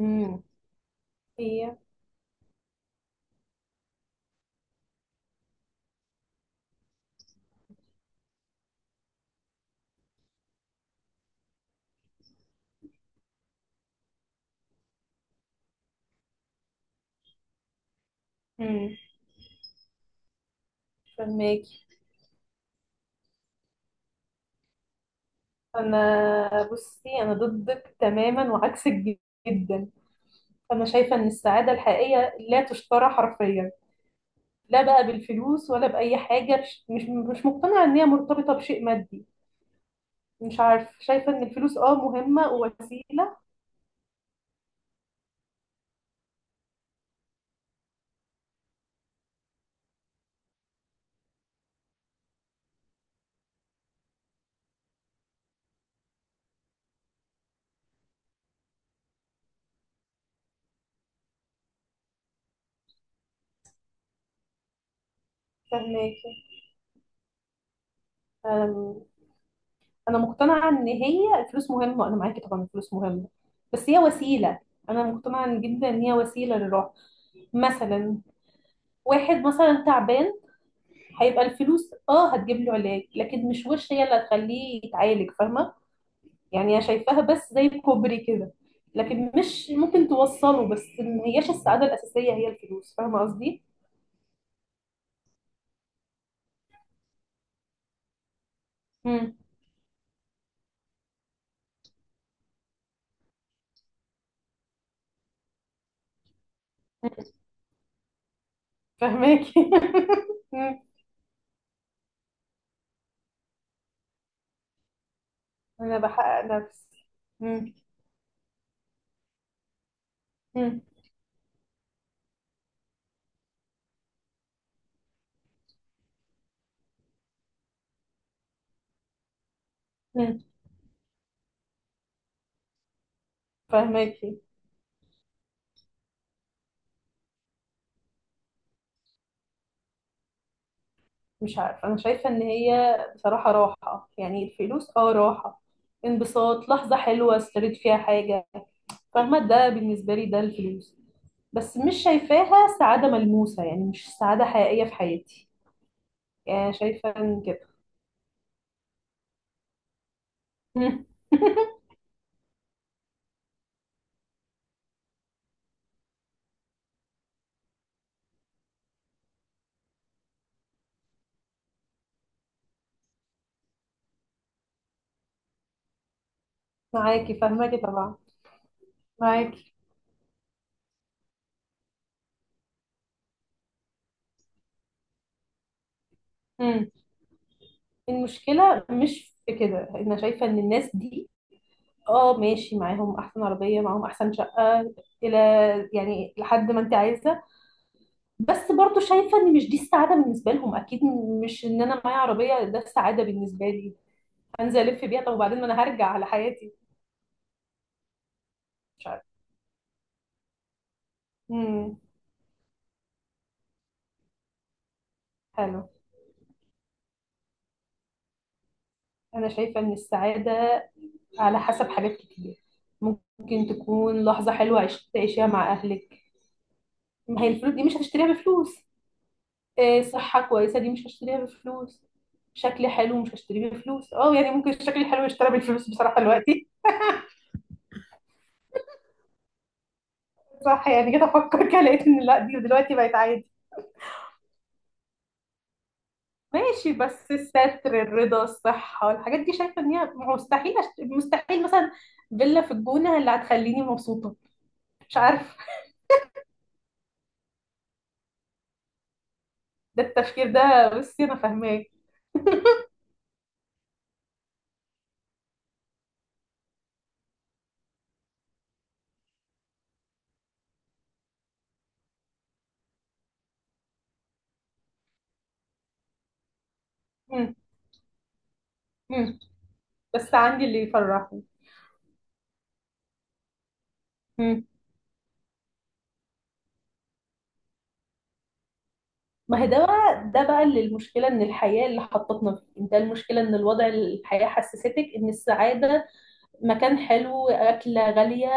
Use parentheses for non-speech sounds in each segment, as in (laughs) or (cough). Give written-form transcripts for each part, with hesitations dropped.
امم هي امم فهماكي انا بصي، انا ضدك تماما وعكسك، جدا. انا شايفه ان السعاده الحقيقيه لا تشترى حرفيا، لا بقى بالفلوس ولا باي حاجه. مش مقتنعه ان هي مرتبطه بشيء مادي. مش عارف، شايفه ان الفلوس اه مهمه ووسيله. فهماكي. أم، انا مقتنعه ان هي الفلوس مهمه، انا معاكي طبعا، الفلوس مهمه، بس هي وسيله. انا مقتنعه جدا ان هي وسيله للراحه. مثلا واحد مثلا تعبان، هيبقى الفلوس اه هتجيب له علاج، لكن مش وش هي اللي هتخليه يتعالج، فاهمه؟ يعني انا شايفاها بس زي كوبري كده، لكن مش ممكن توصله، بس ما هياش السعاده الاساسيه هي الفلوس، فاهمه قصدي؟ امم فاهماكي. (laughs) مم. انا بحقق نفسي. مم. مم. مم. فاهماكي. مش عارفه، انا شايفه ان هي بصراحه راحه، يعني الفلوس اه راحه، انبساط، لحظه حلوه اشتريت فيها حاجه. فاهمه؟ ده بالنسبه لي ده الفلوس. بس مش شايفاها سعادة ملموسة، يعني مش سعادة حقيقية في حياتي. يعني شايفة إن كده. مم. (laughs) معاكي، فاهماكي طبعا. معاكي. مم. المشكلة مش في كده. أنا شايفة إن الناس دي اه ماشي معاهم أحسن عربية، معاهم أحسن شقة، إلى يعني لحد ما أنت عايزة. بس برضو شايفة إن مش دي السعادة بالنسبة لهم أكيد. مش إن أنا معايا عربية ده السعادة بالنسبة لي. هنزل ألف بيها، طب وبعدين؟ ما أنا هرجع على حياتي. مش عارفة. مم. حلو. أنا شايفة إن السعادة على حسب حاجات كتير. ممكن تكون لحظة حلوة تعيشيها مع أهلك. ما هي الفلوس دي مش هتشتريها بفلوس. آه، صحة كويسة دي مش هشتريها بفلوس. شكل حلو مش هشتريه بفلوس، اه يعني ممكن الشكل الحلو يشترى بالفلوس بصراحة دلوقتي. (laughs) صح، يعني جيت أفكر كده لقيت إن لا دي دلوقتي بقت عادي. ماشي، بس الستر، الرضا، الصحة، الحاجات دي شايفة إن هي مستحيل أشت... مستحيل مثلا فيلا في الجونة اللي هتخليني مبسوطة. مش عارفة. ده التفكير ده بصي أنا فاهماه. مم. مم. بس عندي اللي يفرحني. مم. ما هي ده بقى اللي المشكلة ان الحياة اللي حطتنا فيه. ده المشكلة ان الوضع، الحياة حسستك ان السعادة مكان حلو، أكلة غالية.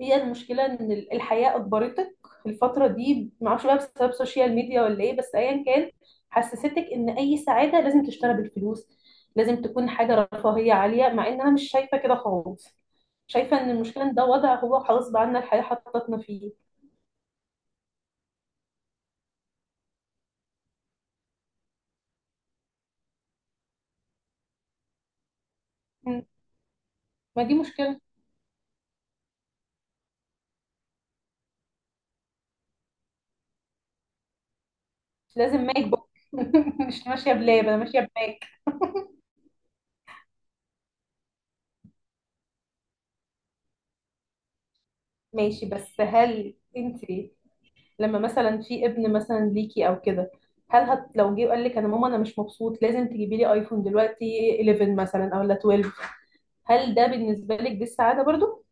هي المشكلة ان الحياة أجبرتك. في الفترة دي معرفش بقى بسبب السوشيال ميديا ولا ايه، بس ايا كان حسستك ان اي سعادة لازم تشترى بالفلوس، لازم تكون حاجة رفاهية عالية، مع ان انا مش شايفة كده خالص. شايفة ان المشكلة ان ده وضع هو خلاص بقى عنا، الحياة حطتنا فيه. م. ما دي مشكلة. مش لازم ماك بوك. (laughs) مش ماشية بلاب، أنا ماشية بماك. ماشي، بس هل أنت لما مثلا في ابن مثلا ليكي أو كده، هل هت لو جه وقال لك أنا ماما أنا مش مبسوط لازم تجيبي لي أيفون دلوقتي 11 مثلا أو لا 12، هل ده بالنسبة لك دي السعادة برضو؟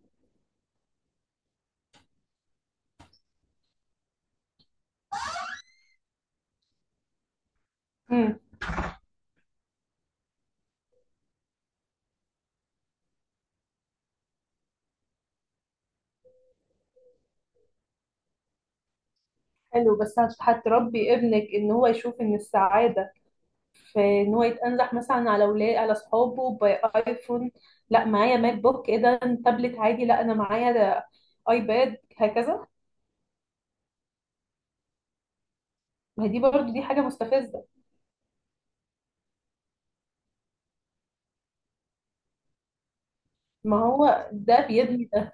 امم حلو، بس هتربي ابنك ان هو يشوف ان السعاده في ان هو يتنزح مثلا على اولاد على اصحابه بايفون. لا معايا ماك بوك ايه ده؟ تابلت عادي، لا انا معايا ده ايباد هكذا. ما هي دي برضو دي حاجة مستفزة. ما هو ده بيبني ده.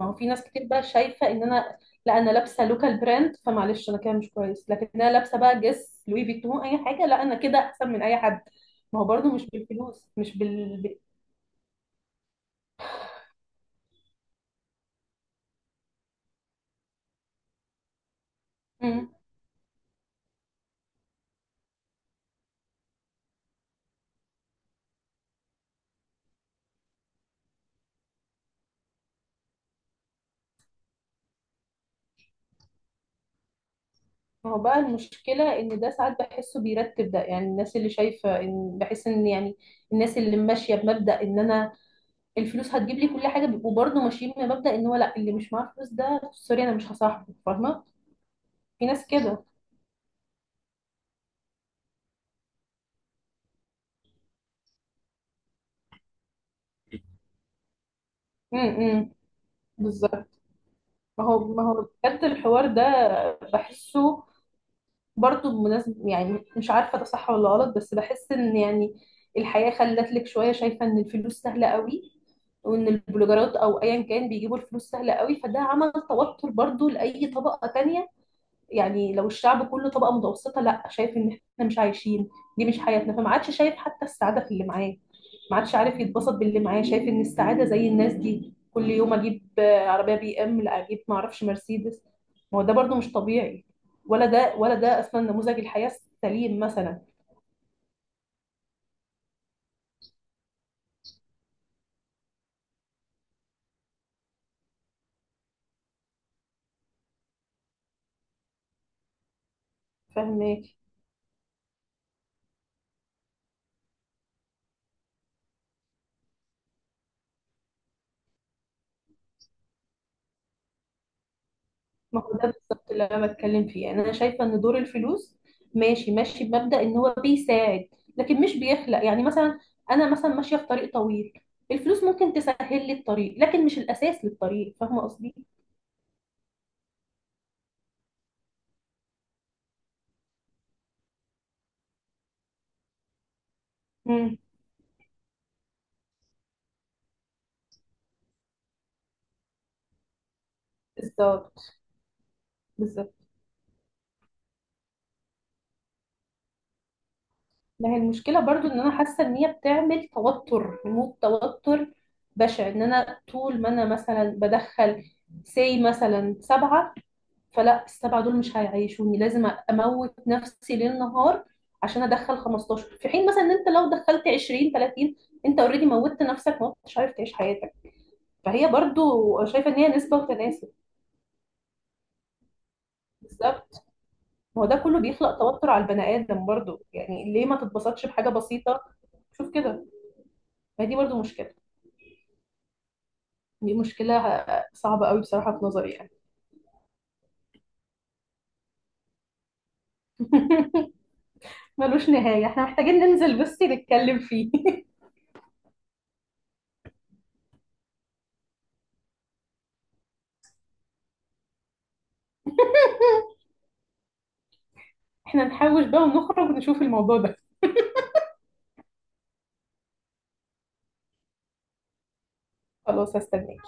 ما هو في ناس كتير بقى شايفة ان انا لا انا لابسة لوكال براند فمعلش انا كده مش كويس، لكن انا لابسة بقى جس لوي فيتون اي حاجة لا انا كده احسن من اي حد. ما هو برضو مش بالفلوس، مش بال ب- مم. ما هو بقى المشكلة ان ده ساعات بحسه بيرتب ده، يعني الناس اللي شايفة ان بحس ان يعني الناس اللي ماشية بمبدأ ان انا الفلوس هتجيب لي كل حاجة بيبقوا برضو ماشيين بمبدأ ان هو لا، اللي مش معاه فلوس ده سوري انا مش هصاحبه، فاهمة؟ في ناس كده. مم. بالظبط. ما هو بجد الحوار ده بحسه، برضه بمناسبة يعني مش عارفة ده صح ولا غلط، بس بحس ان يعني الحياة خلت لك شوية شايفة ان الفلوس سهلة قوي، وان البلوجرات او ايا كان بيجيبوا الفلوس سهلة قوي، فده عمل توتر برضه لأي طبقة تانية. يعني لو الشعب كله طبقة متوسطة لا، شايف ان احنا مش عايشين، دي مش حياتنا، فما عادش شايف حتى السعادة في اللي معاه. ما عادش عارف يتبسط باللي معاه، شايف ان السعاده زي الناس دي كل يوم اجيب آه، عربيه بي ام، لا اجيب ما اعرفش مرسيدس. ما هو ده برضو مش طبيعي، ولا ده ولا ده اصلا نموذج الحياه السليم مثلا. فاهمه. ما هو ده بالظبط اللي انا بتكلم فيه، يعني انا شايفه ان دور الفلوس ماشي ماشي بمبدا ان هو بيساعد، لكن مش بيخلق. يعني مثلا انا مثلا ماشيه في طريق طويل، الفلوس ممكن تسهل لي الطريق لكن مش الاساس للطريق، فاهمه قصدي؟ امم بالظبط. بالظبط. ما هي المشكلة برضو ان انا حاسة ان هي بتعمل توتر، ريموت توتر بشع، ان انا طول ما انا مثلا بدخل سي مثلا سبعة، فلا السبعة دول مش هيعيشوني، لازم اموت نفسي ليل نهار عشان ادخل 15، في حين مثلا ان انت لو دخلت 20 30 انت اوريدي موتت نفسك، ما مش عارف تعيش حياتك. فهي برضو شايفة ان هي نسبة وتناسب. بالظبط. ما هو ده كله بيخلق توتر على البني ادم برضو، يعني ليه ما تتبسطش بحاجة بسيطة؟ شوف كده، ما دي برضو مشكلة. دي مشكلة صعبة قوي بصراحة في نظري يعني. ملوش نهاية، احنا محتاجين ننزل بس نتكلم فيه. (laughs) احنا نحوش بقى ونخرج نشوف الموضوع ده. خلاص، هستناك.